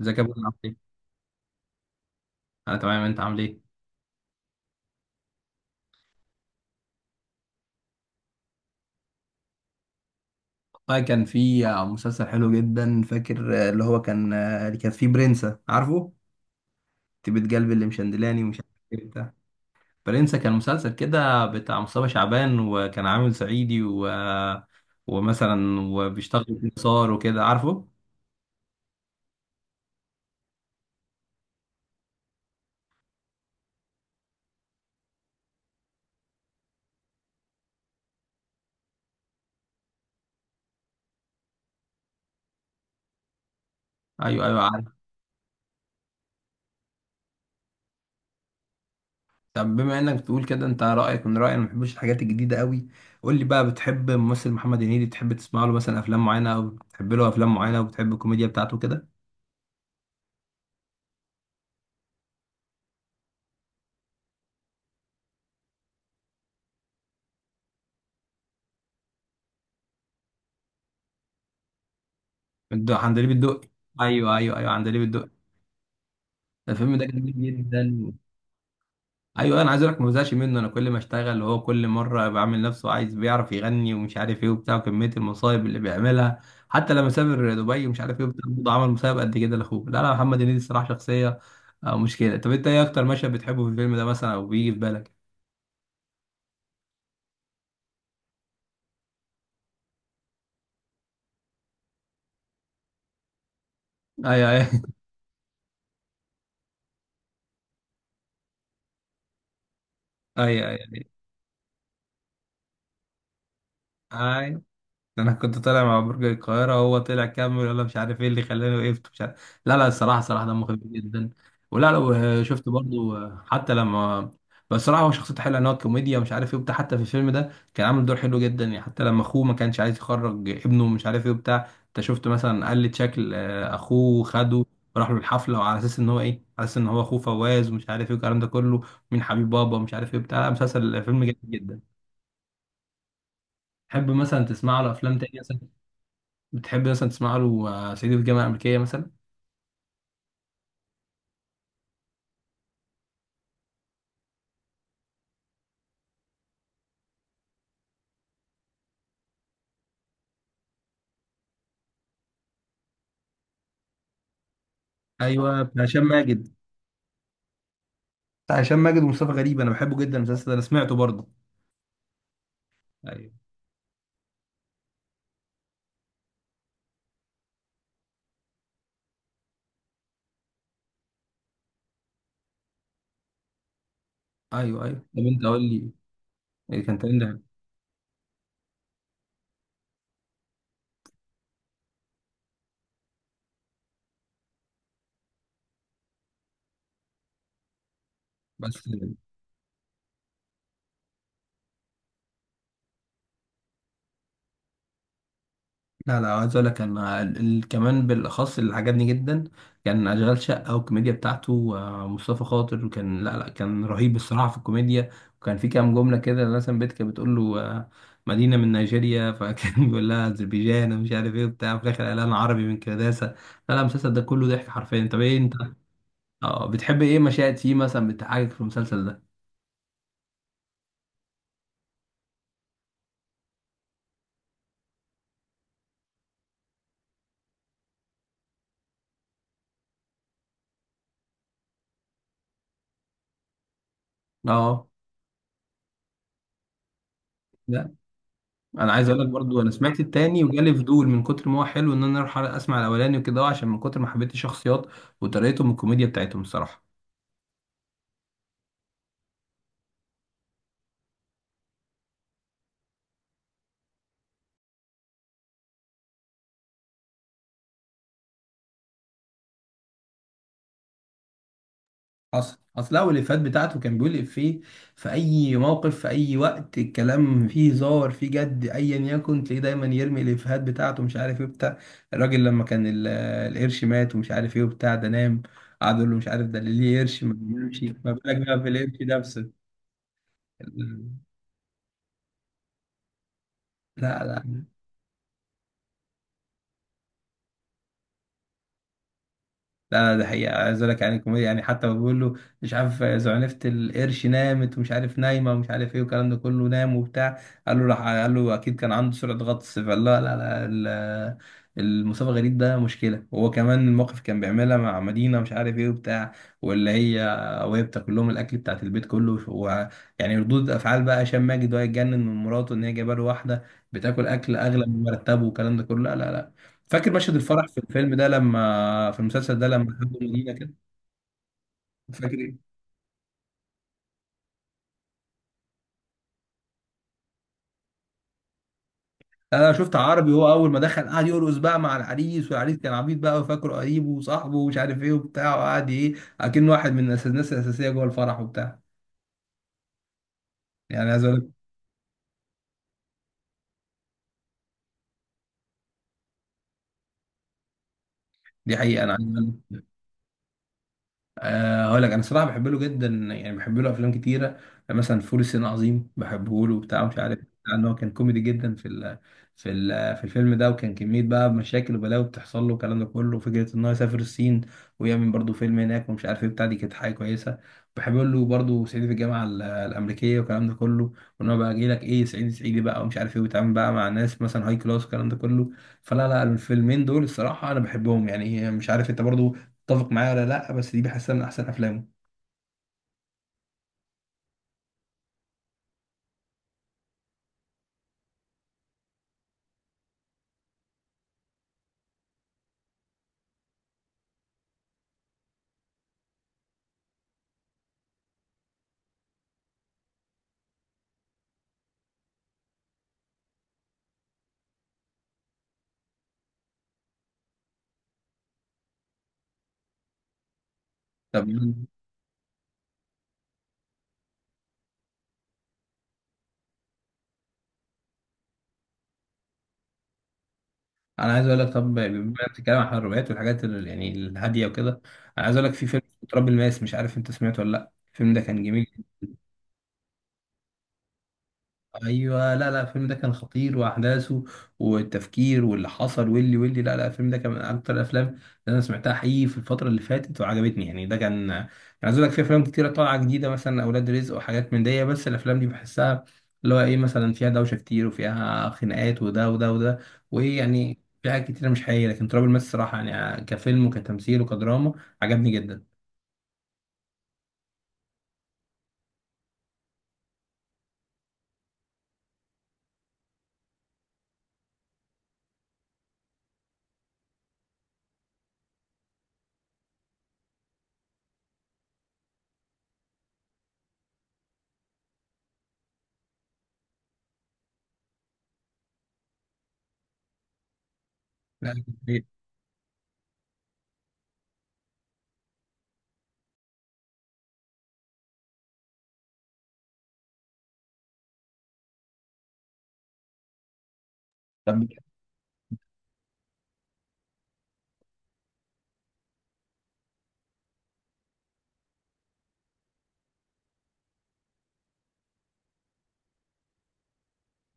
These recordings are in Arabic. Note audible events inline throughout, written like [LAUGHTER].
ازيك يا ابو عامل ايه؟ انا تمام انت عامل ايه؟ والله كان في مسلسل حلو جدا. فاكر اللي كان فيه برنسا عارفه؟ طيبة قلبي اللي مشندلاني ومش عارف ايه بتاع. برنسا كان مسلسل كده بتاع مصطفى شعبان، وكان عامل صعيدي و... ومثلا وبيشتغل في صار وكده عارفه؟ ايوه ايوه عارف. طب بما انك بتقول كده انت رايك من رايي، انا ما بحبش الحاجات الجديده قوي. قول لي بقى، بتحب ممثل محمد هنيدي؟ بتحب تسمع له مثلا افلام معينه او بتحب له افلام معينه، وبتحب الكوميديا بتاعته كده؟ عندليب الدقي. ايوه ايوه ايوه، عندليب الدقي. الفيلم ده جميل جدا. ايوه، انا عايز اقول لك ما بزهقش منه. انا كل ما اشتغل وهو كل مره بعمل نفسه عايز، بيعرف يغني ومش عارف ايه وبتاع، وكميه المصايب اللي بيعملها. حتى لما سافر دبي ومش عارف ايه وبتاع برضه عمل مصايب قد كده لاخوه. لا لا، محمد هنيدي الصراحه شخصيه. مشكله. طب انت ايه اكتر مشهد بتحبه في الفيلم ده مثلا، او بيجي في بالك؟ ايوه ايوه [LAUGHS] ايوه ايوه. انا كنت طالع مع برج القاهره، هو طلع كمل ولا مش عارف ايه اللي خلاني وقفت مش عارف. لا لا، الصراحه صراحه دمه خفيف جدا. ولا لو شفت برضو، حتى لما بس الصراحه هو شخصيته حلوه. ان هو كوميديا ومش عارف ايه وبتاع، حتى في الفيلم ده كان عامل دور حلو جدا يعني. حتى لما اخوه ما كانش عايز يخرج ابنه مش عارف ايه وبتاع، انت شفت مثلا قلد شكل، اخوه خده. راح له الحفله وعلى اساس ان هو ايه، على اساس ان هو اخوه فواز ومش عارف ايه والكلام ده كله، مين حبيب بابا ومش عارف ايه بتاع. لا مسلسل فيلم جميل جدا. تحب مثلا تسمع له افلام تانية؟ بتحب مثلا تسمع له صعيدي في الجامعه الامريكيه مثلا؟ ايوه بتاع هشام ماجد. بتاع هشام ماجد ومصطفى غريب، انا بحبه جدا المسلسل ده، انا سمعته برضه. ايوه ايوه ايوه. طب انت قول لي، إيه كان تاني ده؟ بس لا لا، عايز اقول لك انا كمان بالاخص اللي عجبني جدا كان اشغال شقه، والكوميديا بتاعته، مصطفى خاطر. وكان لا لا كان رهيب الصراحه في الكوميديا. وكان في كام جمله كده مثلا، بيت كانت بتقول له، مدينه من نيجيريا، [LAUGHS] فكان بيقول لها اذربيجان ومش عارف ايه وبتاع، في الاخر قال انا عربي من كرداسه. لا لا، المسلسل ده كله ضحك حرفيا. طب ايه انت، اه، بتحب ايه مشاهد فيه مثلا بتضحكك في المسلسل ده؟ اه، انا عايز اقول لك برضو انا سمعت التاني وجالي فضول من كتر ما هو حلو، ان انا اروح اسمع الاولاني وكده، عشان من كتر ما حبيت الشخصيات وطريقتهم والكوميديا بتاعتهم الصراحه. اصل هو الافيهات بتاعته كان بيقول افيه في اي موقف، في اي وقت، الكلام فيه هزار فيه جد، ايا يكن تلاقيه دايما يرمي الافيهات بتاعته مش عارف ايه بتاع. الراجل لما كان القرش مات ومش عارف ايه وبتاع ده نام، قعد يقول له مش عارف ده اللي ليه قرش ما بيمشي، ما بالك بقى في القرش نفسه. لا لا لا، ده حقيقة. عايز اقول لك يعني الكوميديا، يعني حتى بقول له مش عارف زعنفة القرش نامت ومش عارف نايمة ومش عارف ايه والكلام ده كله نام وبتاع، قال له راح قال له اكيد كان عنده سرعة غطس. فقال لا لا لا، المصطفى غريب ده مشكلة. وهو كمان الموقف كان بيعملها مع مدينة مش عارف ايه وبتاع، واللي هي وهي بتاكل لهم الاكل بتاعت البيت كله، ويعني ردود افعال بقى هشام ماجد وهو يتجنن من مراته ان هي جايبه له واحده بتاكل اكل اغلى من مرتبه والكلام ده كله. لا لا لا. فاكر مشهد الفرح في الفيلم ده لما في المسلسل ده لما خدوا مدينه كده؟ فاكر ايه؟ انا شفت عربي هو اول ما دخل قعد يرقص بقى مع العريس، والعريس كان عبيط بقى وفاكره قريبه وصاحبه ومش عارف ايه وبتاع، وقعد ايه اكنه واحد من الناس، الاساسيه جوه الفرح وبتاع. يعني عايز اقول لك، دي حقيقه انا عايز أقول لك. هقول لك انا صراحه بحب له جدا يعني، بحب له افلام كتيره. يعني مثلا فول الصين العظيم بحبه له وبتاع، مش عارف بتاع، ان هو كان كوميدي جدا في ال في ال في الفيلم ده، وكان كميه بقى مشاكل وبلاوي بتحصل له والكلام ده كله، وفكره ان هو يسافر الصين ويعمل برضه فيلم هناك ومش عارف ايه بتاع. دي كانت حاجه كويسه. بحب له برضه صعيدي في الجامعه الامريكيه والكلام ده كله، وان هو بقى جاي لك ايه صعيدي صعيدي بقى ومش عارف ايه، وبيتعامل بقى مع ناس مثلا هاي كلاس والكلام ده كله. فلا لا، الفيلمين دول الصراحه انا بحبهم يعني. مش عارف انت برضه اتفق معايا ولا لا، بس دي بحسها من احسن افلامه. طب انا عايز اقول لك، طب بما إنك بتتكلم عن الروايات والحاجات يعني الهاديه وكده، انا عايز اقول لك في فيلم اسمه تراب الماس، مش عارف انت سمعته ولا لا. الفيلم ده كان جميل. ايوه. لا لا، الفيلم ده كان خطير، واحداثه والتفكير واللي حصل واللي لا لا الفيلم ده كان من اكتر الافلام اللي انا سمعتها حقيقي في الفتره اللي فاتت وعجبتني، يعني ده كان يعني عايز اقول لك في افلام كتيره طالعه جديده مثلا اولاد رزق وحاجات من دي، بس الافلام دي بحسها اللي هو ايه مثلا فيها دوشه كتير وفيها خناقات وده وده وده، وايه يعني في حاجات كتيره مش حقيقيه، لكن تراب الماس الصراحه يعني كفيلم وكتمثيل وكدراما عجبني جدا. لا دي حقيقة. طب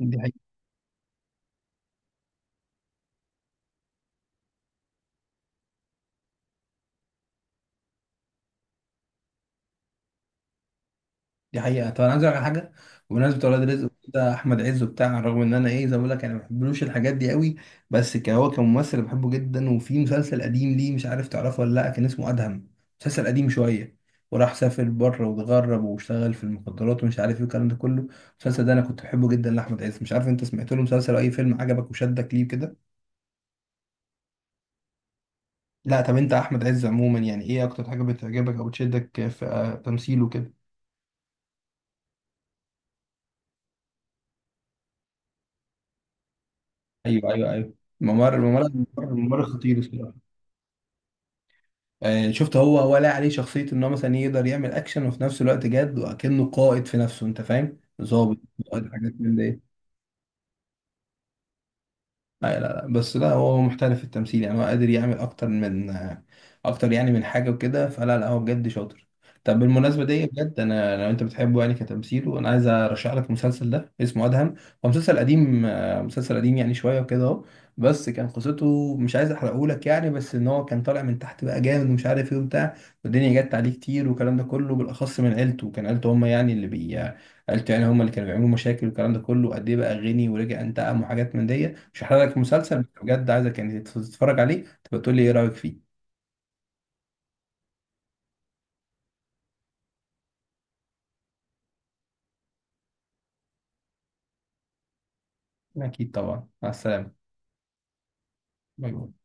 دي حقيقة. دي حقيقة. طب أنا عايز أقول لك على حاجة. بمناسبة ولاد رزق ده أحمد عز وبتاع، رغم إن أنا إيه زي ما بقول لك أنا ما بحبلوش الحاجات دي قوي، بس هو كممثل بحبه جدا. وفي مسلسل قديم ليه مش عارف تعرفه ولا لأ، كان اسمه أدهم، مسلسل قديم شوية، وراح سافر بره واتغرب واشتغل في المخدرات ومش عارف إيه والكلام ده كله. المسلسل ده أنا كنت بحبه جدا لأحمد عز. مش عارف أنت سمعت له مسلسل أو أي فيلم عجبك وشدك ليه كده؟ لا طب أنت أحمد عز عموما يعني إيه أكتر حاجة بتعجبك أو بتشدك في تمثيله كده؟ أيوه أيوه أيوه، ممر ممر ممر ممر خطير الصراحة. شفت هو ولا عليه شخصية ان هو مثلا يقدر يعمل اكشن وفي نفس الوقت جد، وكأنه قائد في نفسه انت فاهم، ظابط، قائد، حاجات من دي. لا لا لا، بس لا هو هو محترف في التمثيل يعني، هو قادر يعمل اكتر من اكتر يعني من حاجه وكده. فلا لا، هو بجد شاطر. طب بالمناسبه دي بجد، انا لو انت بتحبه يعني كتمثيل، وانا عايز ارشح لك المسلسل ده اسمه ادهم. هو مسلسل قديم، مسلسل قديم يعني شويه وكده اهو. بس كان قصته، مش عايز احرقه لك يعني، بس ان هو كان طالع من تحت بقى جامد ومش عارف ايه وبتاع، والدنيا جت عليه كتير والكلام ده كله بالاخص من عيلته، كان عيلته هم يعني اللي بي قلت يعني هم اللي كانوا بيعملوا مشاكل والكلام ده كله، قد ايه بقى غني ورجع انتقم وحاجات من دي. مش هحرق لك المسلسل، بس بجد عايزك يعني تتفرج عليه تبقى تقول لي ايه رايك فيه. اكيد طبعا، مع السلامه. باي باي.